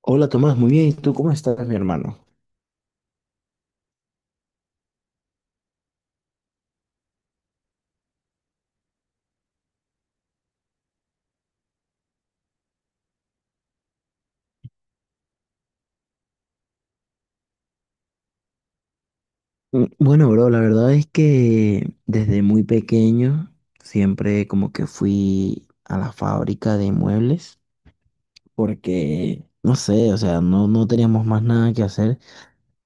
Hola Tomás, muy bien. ¿Y tú cómo estás, mi hermano? Bueno, bro, la verdad es que desde muy pequeño siempre como que fui a la fábrica de muebles porque, no sé, o sea, no teníamos más nada que hacer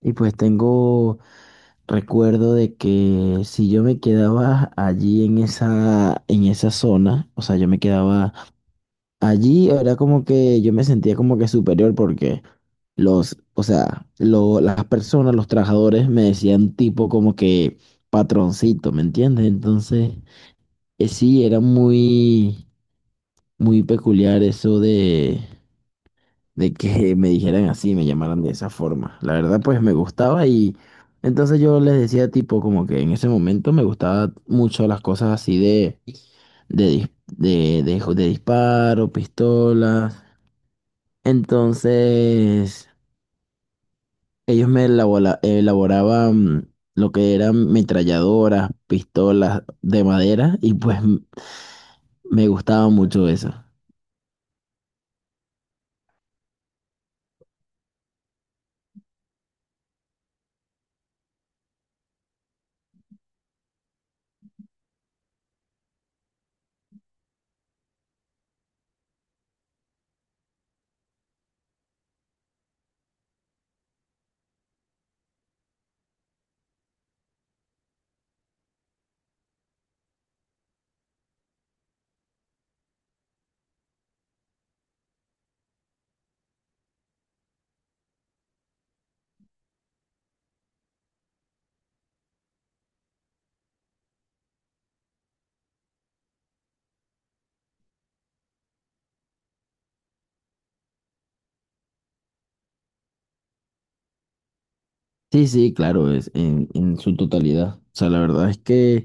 y pues tengo recuerdo de que si yo me quedaba allí en esa zona, o sea, yo me quedaba allí. Era como que yo me sentía como que superior porque los, o sea, lo- las personas, los trabajadores me decían tipo como que patroncito, ¿me entiendes? Entonces, sí, era muy peculiar eso de que me dijeran así, me llamaran de esa forma. La verdad, pues me gustaba y entonces yo les decía tipo como que en ese momento me gustaban mucho las cosas así de, dis- de disparo, pistolas. Entonces, ellos elaboraban lo que eran metralladoras, pistolas de madera y me gustaba mucho eso. Sí, sí, claro, es en su totalidad. O sea, la verdad es que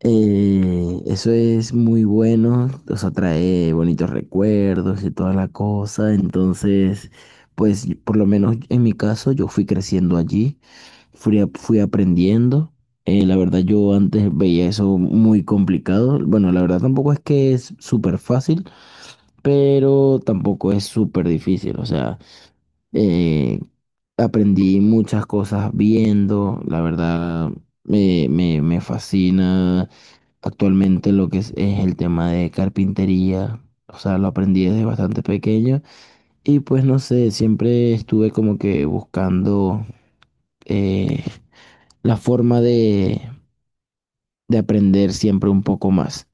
eso es muy bueno, o sea, trae bonitos recuerdos y toda la cosa. Entonces, pues por lo menos en mi caso, yo fui creciendo allí. Fui aprendiendo. La verdad, yo antes veía eso muy complicado. Bueno, la verdad tampoco es que es súper fácil, pero tampoco es súper difícil. O sea, eh, aprendí muchas cosas viendo. La verdad, me fascina actualmente lo que es el tema de carpintería. O sea, lo aprendí desde bastante pequeño. Y pues no sé, siempre estuve como que buscando eh, la forma de aprender siempre un poco más.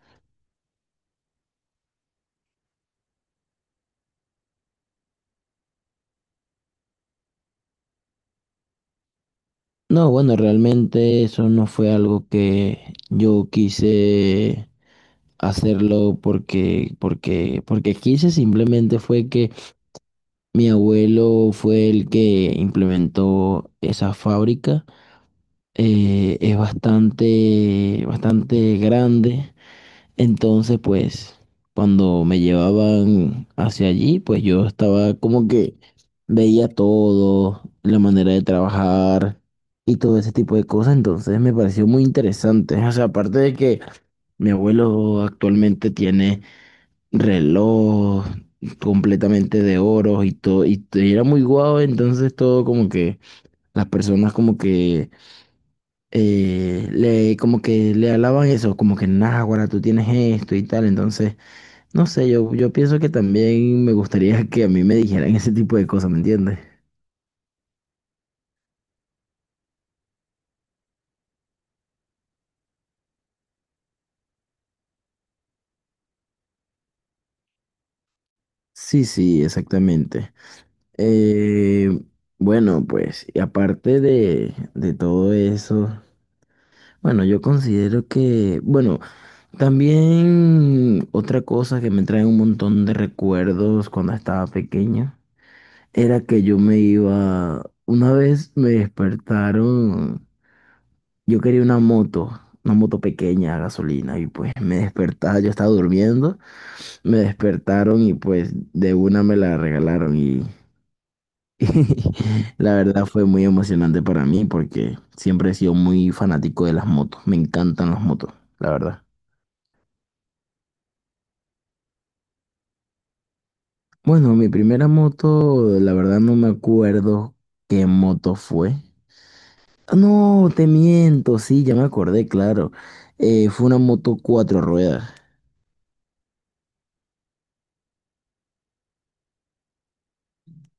No, bueno, realmente eso no fue algo que yo quise hacerlo porque quise, simplemente fue que mi abuelo fue el que implementó esa fábrica. Es bastante grande. Entonces, pues, cuando me llevaban hacia allí, pues yo estaba como que veía todo, la manera de trabajar y todo ese tipo de cosas. Entonces me pareció muy interesante. O sea, aparte de que mi abuelo actualmente tiene reloj completamente de oro y todo, y era muy guau, entonces todo como que las personas como que le como que le alaban eso, como que, nah, ahora tú tienes esto y tal, entonces no sé, yo pienso que también me gustaría que a mí me dijeran ese tipo de cosas, ¿me entiendes? Sí, sí, exactamente. Eh, bueno, pues, y aparte de todo eso, bueno, yo considero que, bueno, también otra cosa que me trae un montón de recuerdos cuando estaba pequeño era que yo me iba, una vez me despertaron. Yo quería una moto pequeña a gasolina y pues me despertaba, yo estaba durmiendo, me despertaron y pues de una me la regalaron, y, y la verdad fue muy emocionante para mí porque siempre he sido muy fanático de las motos, me encantan las motos, la verdad. Bueno, mi primera moto, la verdad no me acuerdo qué moto fue. No, te miento, sí, ya me acordé, claro. Fue una moto cuatro ruedas.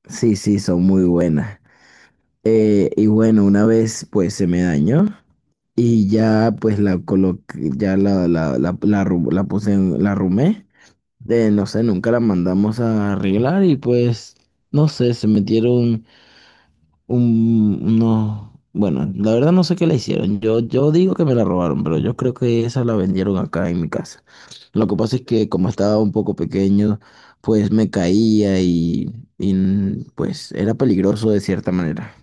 Sí, sí, son muy buenas. Y bueno, una vez pues se me dañó y ya pues la coloqué, la puse en, la arrumé. No sé, nunca la mandamos a arreglar y pues no sé, se metieron unos, bueno, la verdad no sé qué le hicieron. Yo digo que me la robaron, pero yo creo que esa la vendieron acá en mi casa. Lo que pasa es que como estaba un poco pequeño, pues me caía y pues era peligroso de cierta manera.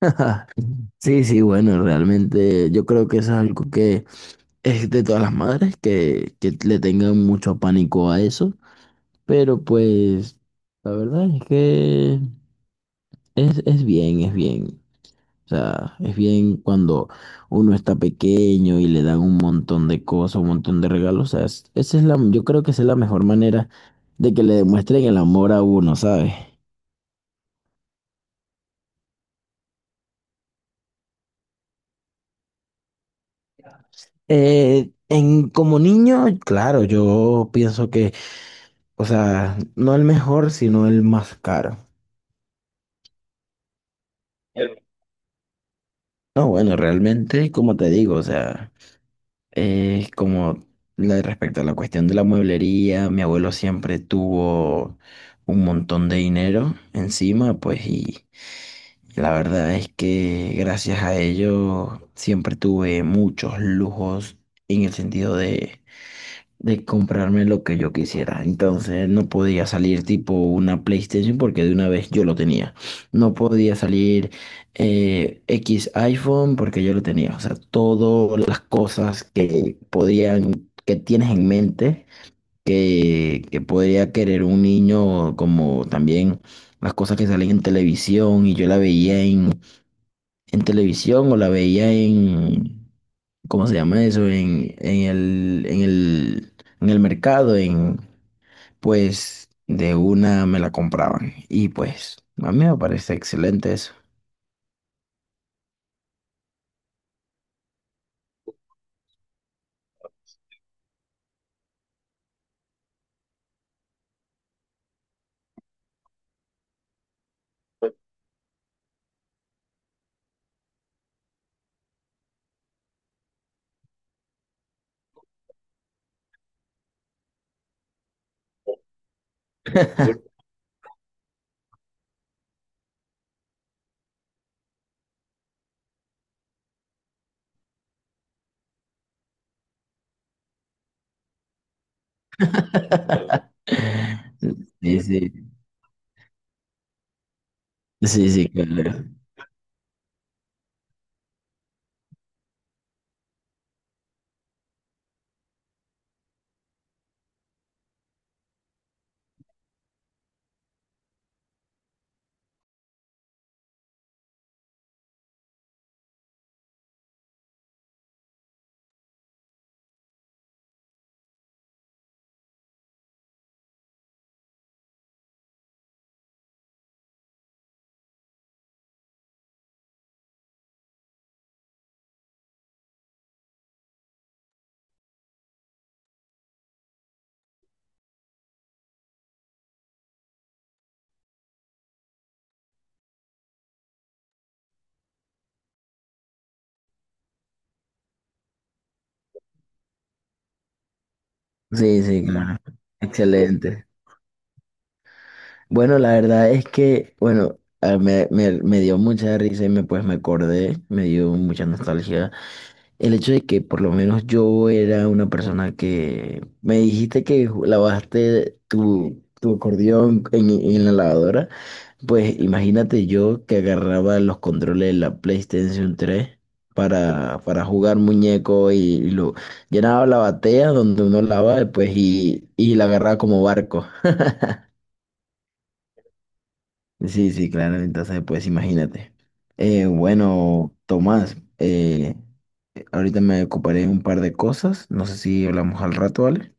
Sí, sí, bueno, realmente yo creo que eso es algo que es de todas las madres que le tengan mucho pánico a eso, pero pues la verdad es que es bien, es bien. O sea, es bien cuando uno está pequeño y le dan un montón de cosas, un montón de regalos. O sea, esa es la, yo creo que esa es la mejor manera de que le demuestren el amor a uno, ¿sabes? Como niño, claro, yo pienso que, o sea, no el mejor, sino el más caro. El- No, bueno, realmente, como te digo, o sea, como respecto a la cuestión de la mueblería, mi abuelo siempre tuvo un montón de dinero encima, pues, y la verdad es que gracias a ello siempre tuve muchos lujos en el sentido de comprarme lo que yo quisiera. Entonces no podía salir tipo una PlayStation porque de una vez yo lo tenía. No podía salir X iPhone porque yo lo tenía. O sea, todas las cosas que podían, que tienes en mente, que podría querer un niño, como también las cosas que salen en televisión y yo la veía en televisión o la veía en... ¿cómo se llama eso? En el mercado, en, pues de una me la compraban. Y pues a mí me parece excelente eso. Sí, sí, sí, sí, claro. Sí, sí, claro. Excelente. Bueno, la verdad es que, bueno, me dio mucha risa y me, pues me acordé, me dio mucha nostalgia. El hecho de que por lo menos yo era una persona que me dijiste que lavaste tu acordeón en la lavadora, pues imagínate yo que agarraba los controles de la PlayStation 3 para jugar muñeco y lo llenaba la batea donde uno lava pues, y la agarraba como barco. Sí, sí, claro, entonces pues imagínate. Bueno, Tomás, ahorita me ocuparé de un par de cosas, no sé si hablamos al rato, ¿vale?